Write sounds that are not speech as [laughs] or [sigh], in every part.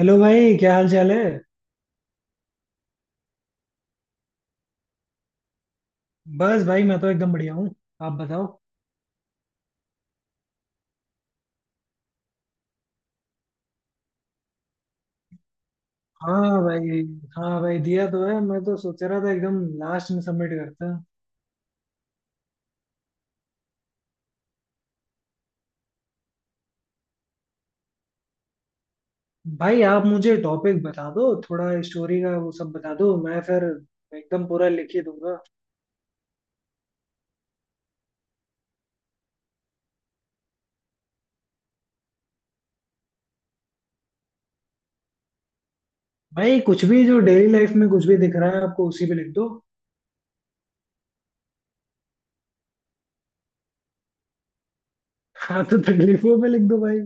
Hello भाई, क्या हाल चाल है। बस भाई, मैं तो एकदम बढ़िया हूँ। आप बताओ। हाँ भाई। हाँ भाई, दिया तो है। मैं तो सोच रहा था एकदम लास्ट में सबमिट करता। भाई आप मुझे टॉपिक बता दो, थोड़ा स्टोरी का वो सब बता दो, मैं फिर एकदम पूरा लिख ही दूंगा। भाई कुछ भी जो डेली लाइफ में कुछ भी दिख रहा है आपको, उसी पे लिख दो। हाँ, तो तकलीफों पे लिख दो भाई।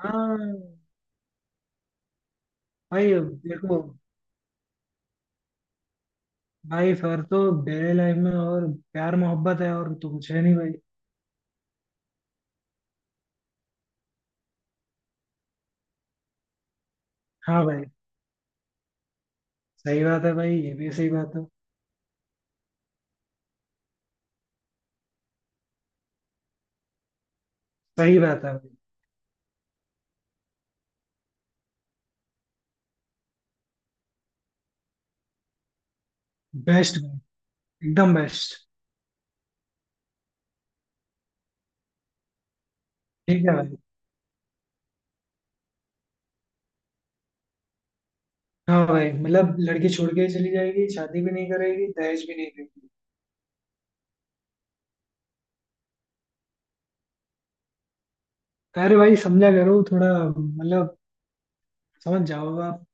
हाँ भाई। देखो भाई, फिर तो डेली लाइफ में और प्यार मोहब्बत है, और तो कुछ है नहीं भाई। हाँ भाई, सही बात है भाई, ये भी सही बात है। सही बात है भाई। बेस्ट भाई, एकदम बेस्ट। ठीक है भाई। हाँ भाई, मतलब लड़की छोड़ के ही चली जाएगी, शादी भी नहीं करेगी, दहेज भी नहीं देगी। तो अरे भाई, समझा करो थोड़ा। मतलब समझ जाओ आप।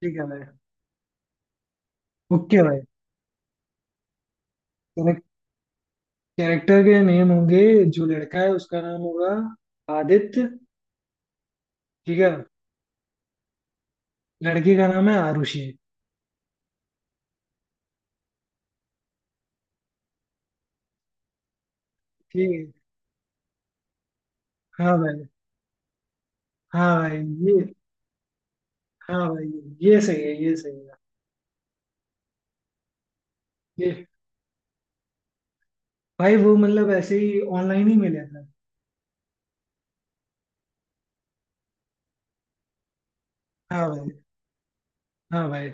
ठीक है भाई। ओके भाई, कैरेक्टर के नेम होंगे। जो लड़का है उसका नाम होगा आदित्य। ठीक है। लड़की का नाम है आरुषि। ठीक है। हाँ भाई। हाँ भाई। ये हाँ भाई ये सही है, ये सही है। ये भाई वो, मतलब ऐसे ही ऑनलाइन ही मिले थे। हाँ भाई। हाँ भाई।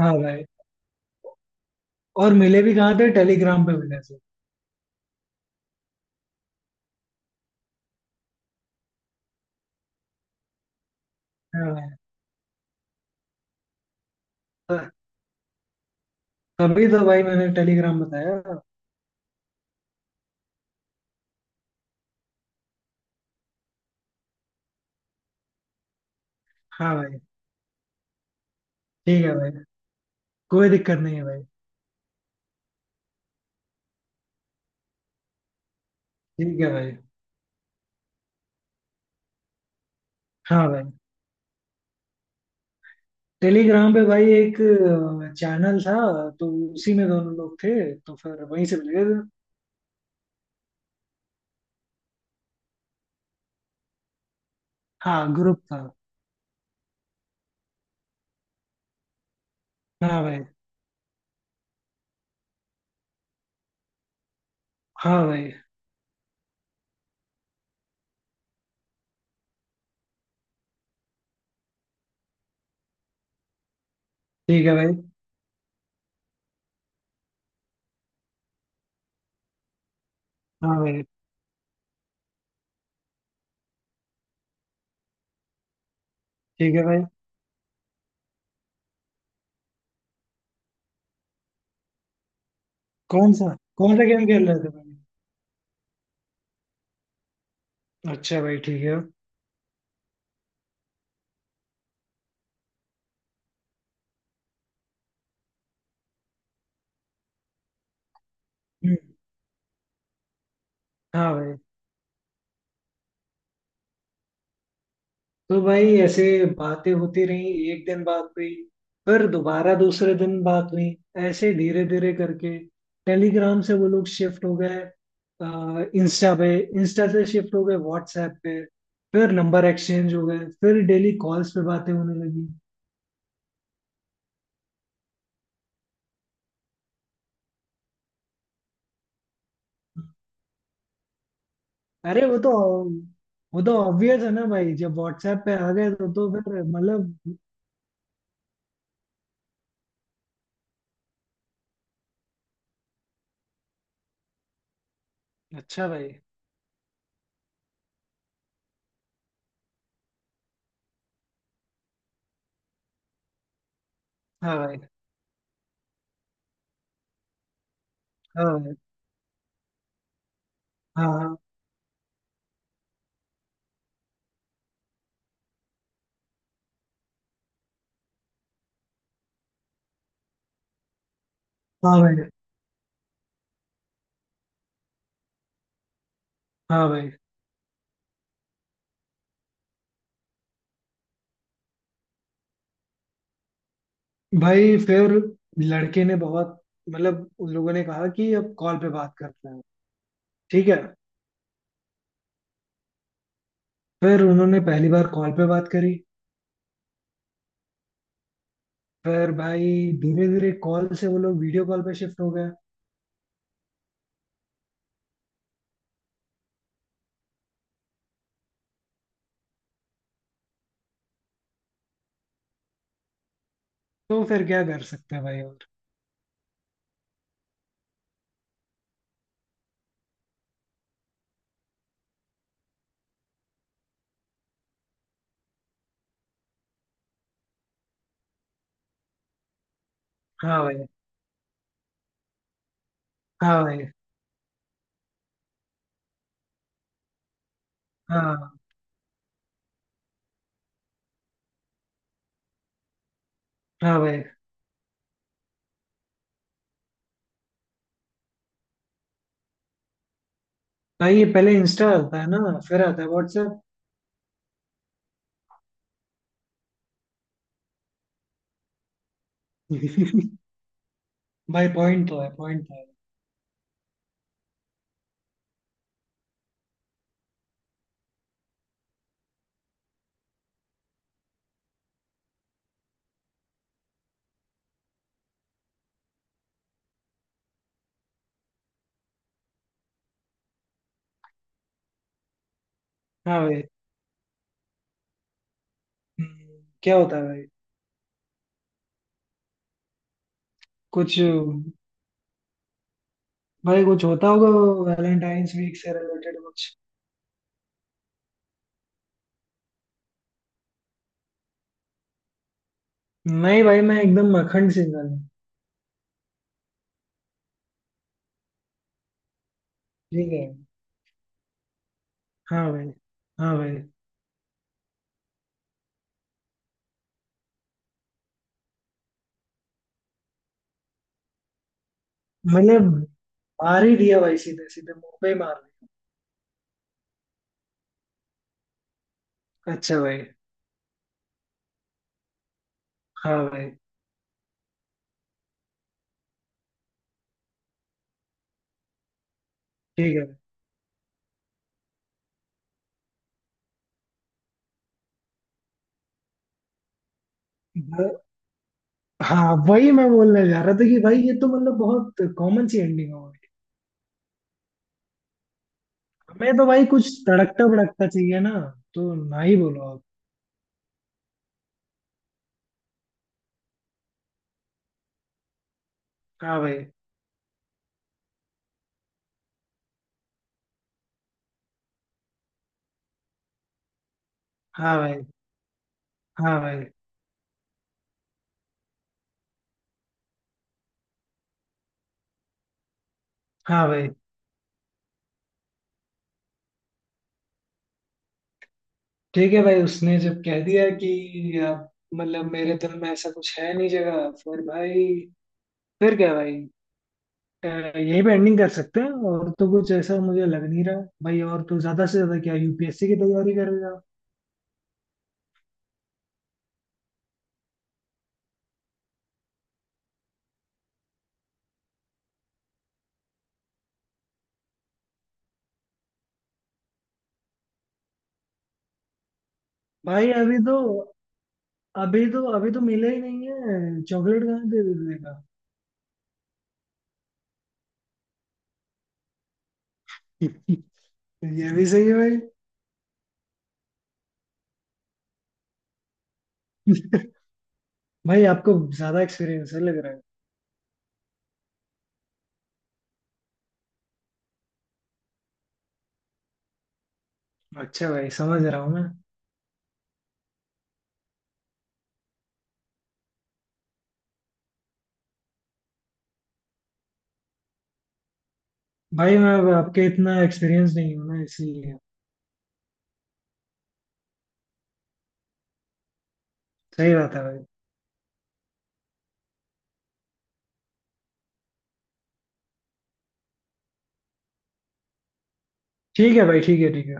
हाँ भाई, और मिले भी कहाँ थे, टेलीग्राम पे मिले थे। हाँ भाई। त- तभी तो भाई मैंने टेलीग्राम बताया। हाँ भाई। ठीक है भाई, कोई दिक्कत नहीं है भाई। ठीक है भाई। हाँ भाई, टेलीग्राम पे भाई एक चैनल था, तो उसी में दोनों लोग थे, तो फिर वहीं से मिले थे। हाँ, ग्रुप था। हाँ भाई। हाँ भाई। ठीक है भाई। हाँ भाई। ठीक है भाई। कौन सा गेम खेल रहे थे भाई। अच्छा भाई, ठीक है। हम्म। हाँ भाई। तो भाई ऐसे बातें होती रही, एक दिन बात हुई, फिर दोबारा दूसरे दिन बात हुई। ऐसे धीरे धीरे करके टेलीग्राम से वो लोग शिफ्ट हो गए इंस्टा पे। इंस्टा से शिफ्ट हो गए व्हाट्सएप पे। फिर नंबर एक्सचेंज हो गए, फिर डेली कॉल्स पे बातें होने लगी। अरे वो तो ऑब्वियस है ना भाई, जब व्हाट्सएप पे आ गए तो फिर मतलब। अच्छा भाई। हाँ भाई। हाँ भाई। हाँ हाँ हाँ भाई। हाँ भाई। भाई फिर लड़के ने बहुत, मतलब उन लोगों ने कहा कि अब कॉल पे बात करते हैं। ठीक है। फिर उन्होंने पहली बार कॉल पे बात करी। फिर भाई धीरे धीरे कॉल से वो लोग वीडियो कॉल पे शिफ्ट हो गए। तो फिर क्या कर सकते हैं भाई और। हाँ भाई। हाँ भाई। हाँ हाँ भाई। भाई ये पहले इंस्टा आता है ना, फिर आता है व्हाट्सएप। [laughs] भाई पॉइंट तो है, पॉइंट तो है। हाँ भाई। हम्म, क्या होता है भाई। कुछ, भाई कुछ होता होगा, वैलेंटाइंस वीक से रिलेटेड कुछ। नहीं भाई, मैं एकदम अखंड सिंगल हूँ। ठीक है। हाँ भाई। हाँ भाई। मैंने मार ही दिया भाई, सीधे सीधे मुंह पे ही मार दिया। अच्छा भाई। हाँ भाई। ठीक है। ब- हाँ, वही मैं बोलने जा रहा था कि भाई ये तो मतलब बहुत कॉमन सी एंडिंग हो गई। हमें तो भाई कुछ तड़कता भड़कता चाहिए ना, तो ना ही बोलो आप। हाँ भाई। हाँ भाई। हाँ भाई। हाँ भाई। ठीक है भाई, उसने जब कह दिया कि आप मतलब मेरे दिल में ऐसा कुछ है नहीं जगह, फिर भाई फिर क्या भाई। यहीं पे एंडिंग कर सकते हैं, और तो कुछ ऐसा मुझे लग नहीं रहा भाई, और तो ज्यादा से ज्यादा क्या, यूपीएससी की तैयारी करेगा। भाई अभी तो मिला ही नहीं है, चॉकलेट कहाँ दे देगा। [laughs] ये भी सही है भाई। भाई आपको ज्यादा एक्सपीरियंस है लग रहा है। अच्छा भाई, समझ रहा हूँ मैं। भाई मैं अब आपके इतना एक्सपीरियंस नहीं हूँ ना, इसीलिए। सही बात है भाई। ठीक है भाई, ठीक है, ठीक है।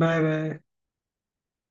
Bye bye.